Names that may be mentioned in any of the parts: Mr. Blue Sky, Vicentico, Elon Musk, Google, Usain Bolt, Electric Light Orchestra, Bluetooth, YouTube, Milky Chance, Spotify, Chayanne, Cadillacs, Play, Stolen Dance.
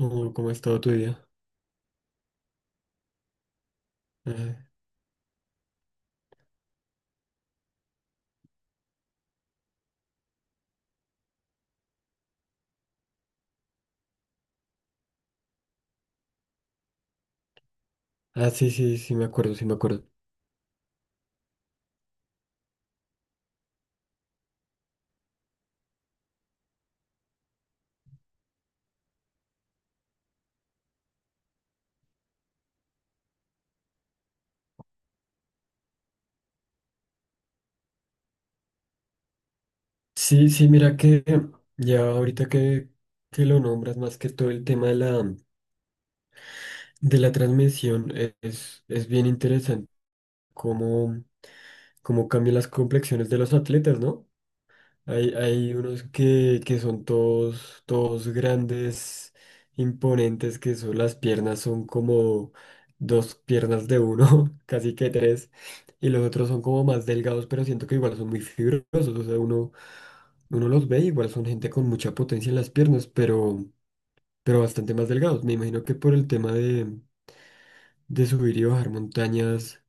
Oh, ¿cómo ha estado tu día? Ah, sí, sí, sí, me acuerdo, sí, me acuerdo. Sí, sí, mira que ya ahorita que lo nombras, más que todo el tema de la transmisión, es bien interesante cómo, cómo cambian las complexiones de los atletas, ¿no? Hay unos que son todos, todos grandes, imponentes, que son las piernas, son como dos piernas de uno, casi que tres, y los otros son como más delgados, pero siento que igual son muy fibrosos, o sea, uno los ve, igual son gente con mucha potencia en las piernas, pero bastante más delgados. Me imagino que por el tema de subir y bajar montañas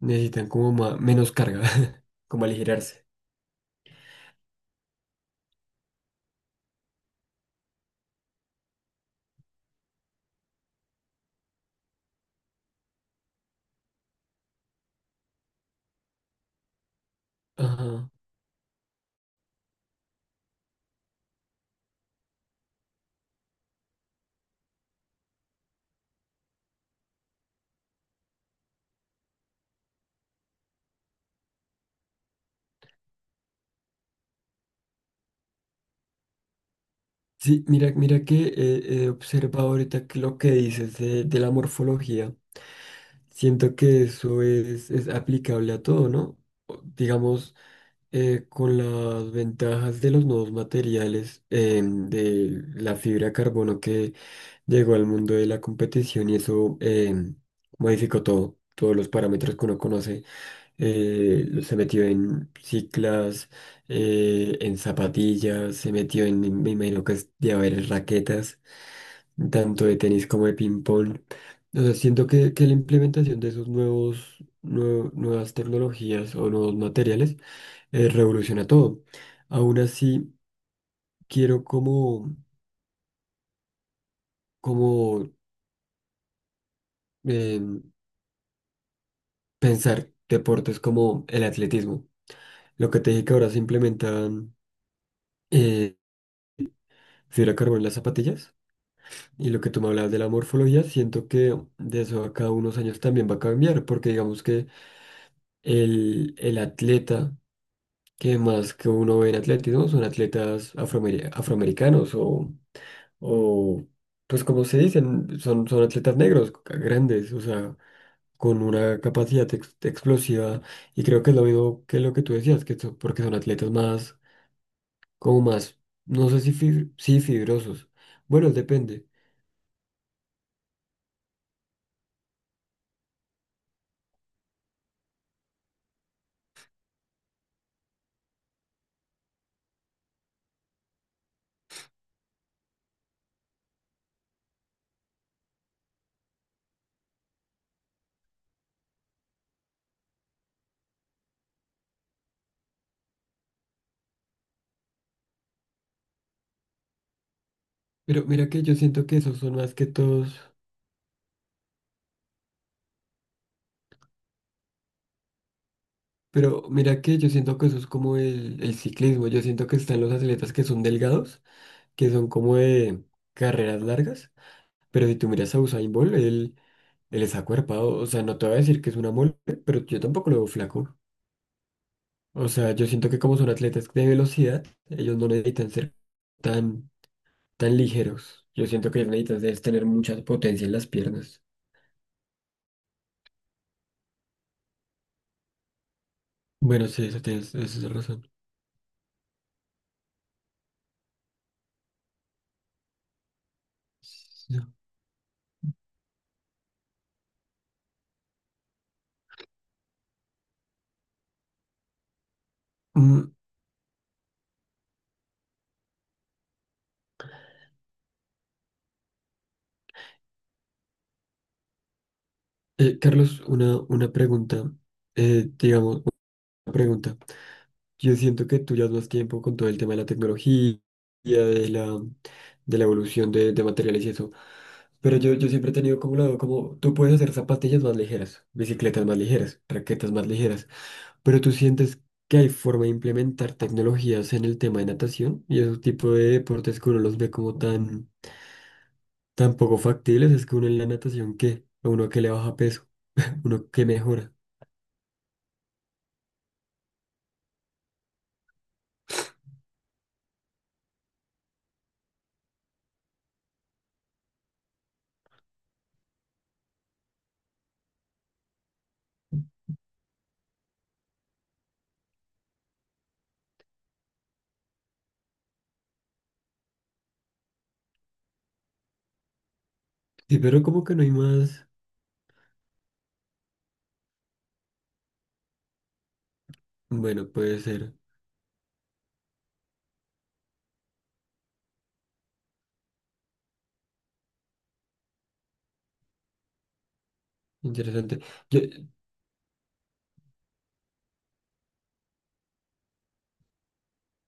necesitan como menos carga, como aligerarse. Ajá. Sí, mira, mira que he observado ahorita que lo que dices de la morfología, siento que eso es aplicable a todo, ¿no? Digamos, con las ventajas de los nuevos materiales, de la fibra de carbono que llegó al mundo de la competición y eso modificó todo, todos los parámetros que uno conoce, se metió en ciclas, en zapatillas, se metió en, me imagino que es de haber raquetas tanto de tenis como de ping-pong. O sea, siento que la implementación de esos nuevas tecnologías o nuevos materiales revoluciona todo. Aún así, quiero como, como eh, pensar deportes como el atletismo. Lo que te dije que ahora se implementan eh, fibra de carbono en las zapatillas y lo que tú me hablabas de la morfología, siento que de eso a cada unos años también va a cambiar, porque digamos que el atleta que más que uno ve en atletismo son atletas afroamericanos o, pues como se dicen, son atletas negros, grandes, o sea, con una capacidad explosiva y creo que es lo mismo que lo que tú decías, que son- porque son atletas más, como más, no sé si, si fibrosos, bueno, depende, pero mira que yo siento que esos son más que todos. Pero mira que yo siento que eso es como el ciclismo, yo siento que están los atletas que son delgados que son como de carreras largas, pero si tú miras a Usain Bolt, él es acuerpado, o sea, no te voy a decir que es una mole, pero yo tampoco lo veo flaco. O sea, yo siento que como son atletas de velocidad, ellos no necesitan ser tan, tan ligeros. Yo siento que ellos necesitan es tener mucha potencia en las piernas. Bueno, sí, eso tienes, esa es razón. Sí. Mm, Carlos, una pregunta, digamos, una pregunta. Yo siento que tú llevas más tiempo con todo el tema de la tecnología, de la, de la evolución de materiales y eso. Pero yo siempre he tenido como lado, como tú puedes hacer zapatillas más ligeras, bicicletas más ligeras, raquetas más ligeras. Pero tú sientes que hay forma de implementar tecnologías en el tema de natación y esos tipos de deportes que uno los ve como tan, tan poco factibles. Es que uno en la natación, ¿qué? A uno que le baja peso, uno que mejora. Sí, pero como que no hay más. Bueno, puede ser interesante. Yo,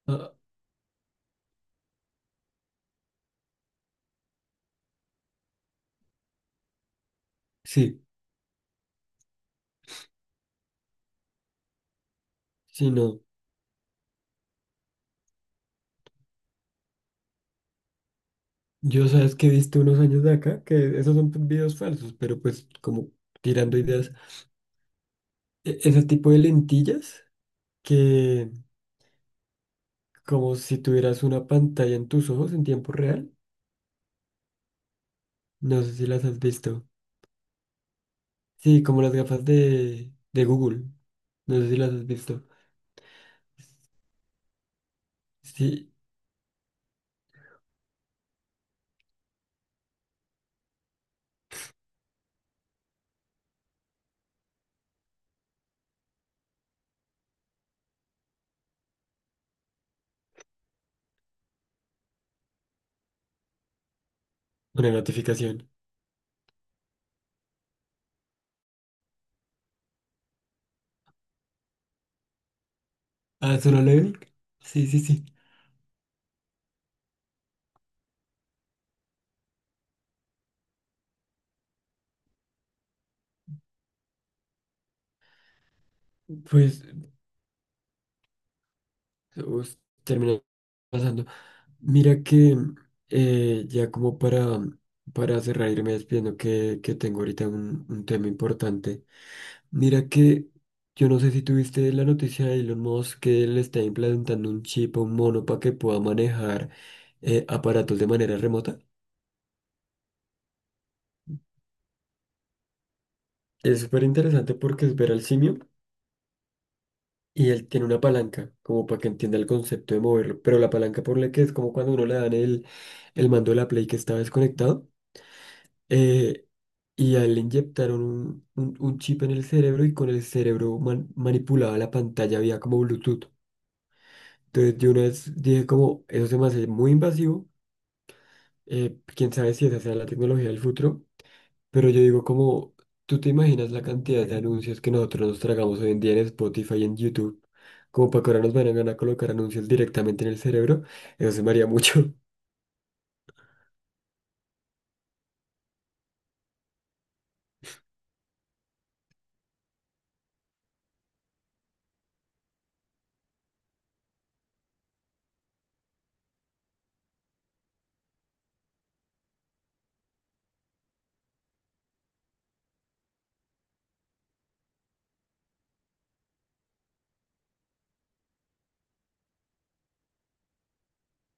ah, sí. Sí, no. Yo sabes que he visto unos años de acá que esos son videos falsos, pero pues como tirando ideas. Ese tipo de lentillas que como si tuvieras una pantalla en tus ojos en tiempo real. No sé si las has visto. Sí, como las gafas de Google. No sé si las has visto. Sí, una notificación. Ah, ¿solo le vi? Sí, sí, sí. Pues us- terminé pasando. Mira que ya como para cerrar, irme despidiendo que tengo ahorita un tema importante. Mira que yo no sé si tuviste la noticia de Elon Musk que le está implantando un chip a un mono para que pueda manejar aparatos de manera remota. Es súper interesante porque es ver al simio y él tiene una palanca como para que entienda el concepto de moverlo. Pero la palanca por la que es como cuando uno le dan el mando de la Play que está desconectado eh, y a él le inyectaron un, un chip en el cerebro y con el cerebro manipulaba la pantalla vía como Bluetooth. Entonces yo una vez dije como, eso se me hace muy invasivo, quién sabe si esa será la tecnología del futuro, pero yo digo como, ¿tú te imaginas la cantidad de anuncios que nosotros nos tragamos hoy en día en Spotify y en YouTube? Como para que ahora nos vayan a colocar anuncios directamente en el cerebro, eso se me haría mucho.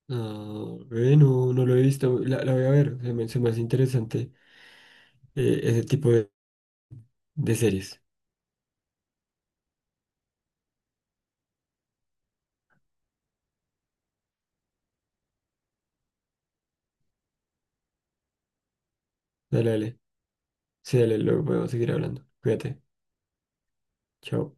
Ah, bueno, no no lo he visto, la voy a ver, se me hace interesante ese tipo de series. Dale, dale. Sí, dale, luego podemos seguir hablando. Cuídate. Chao.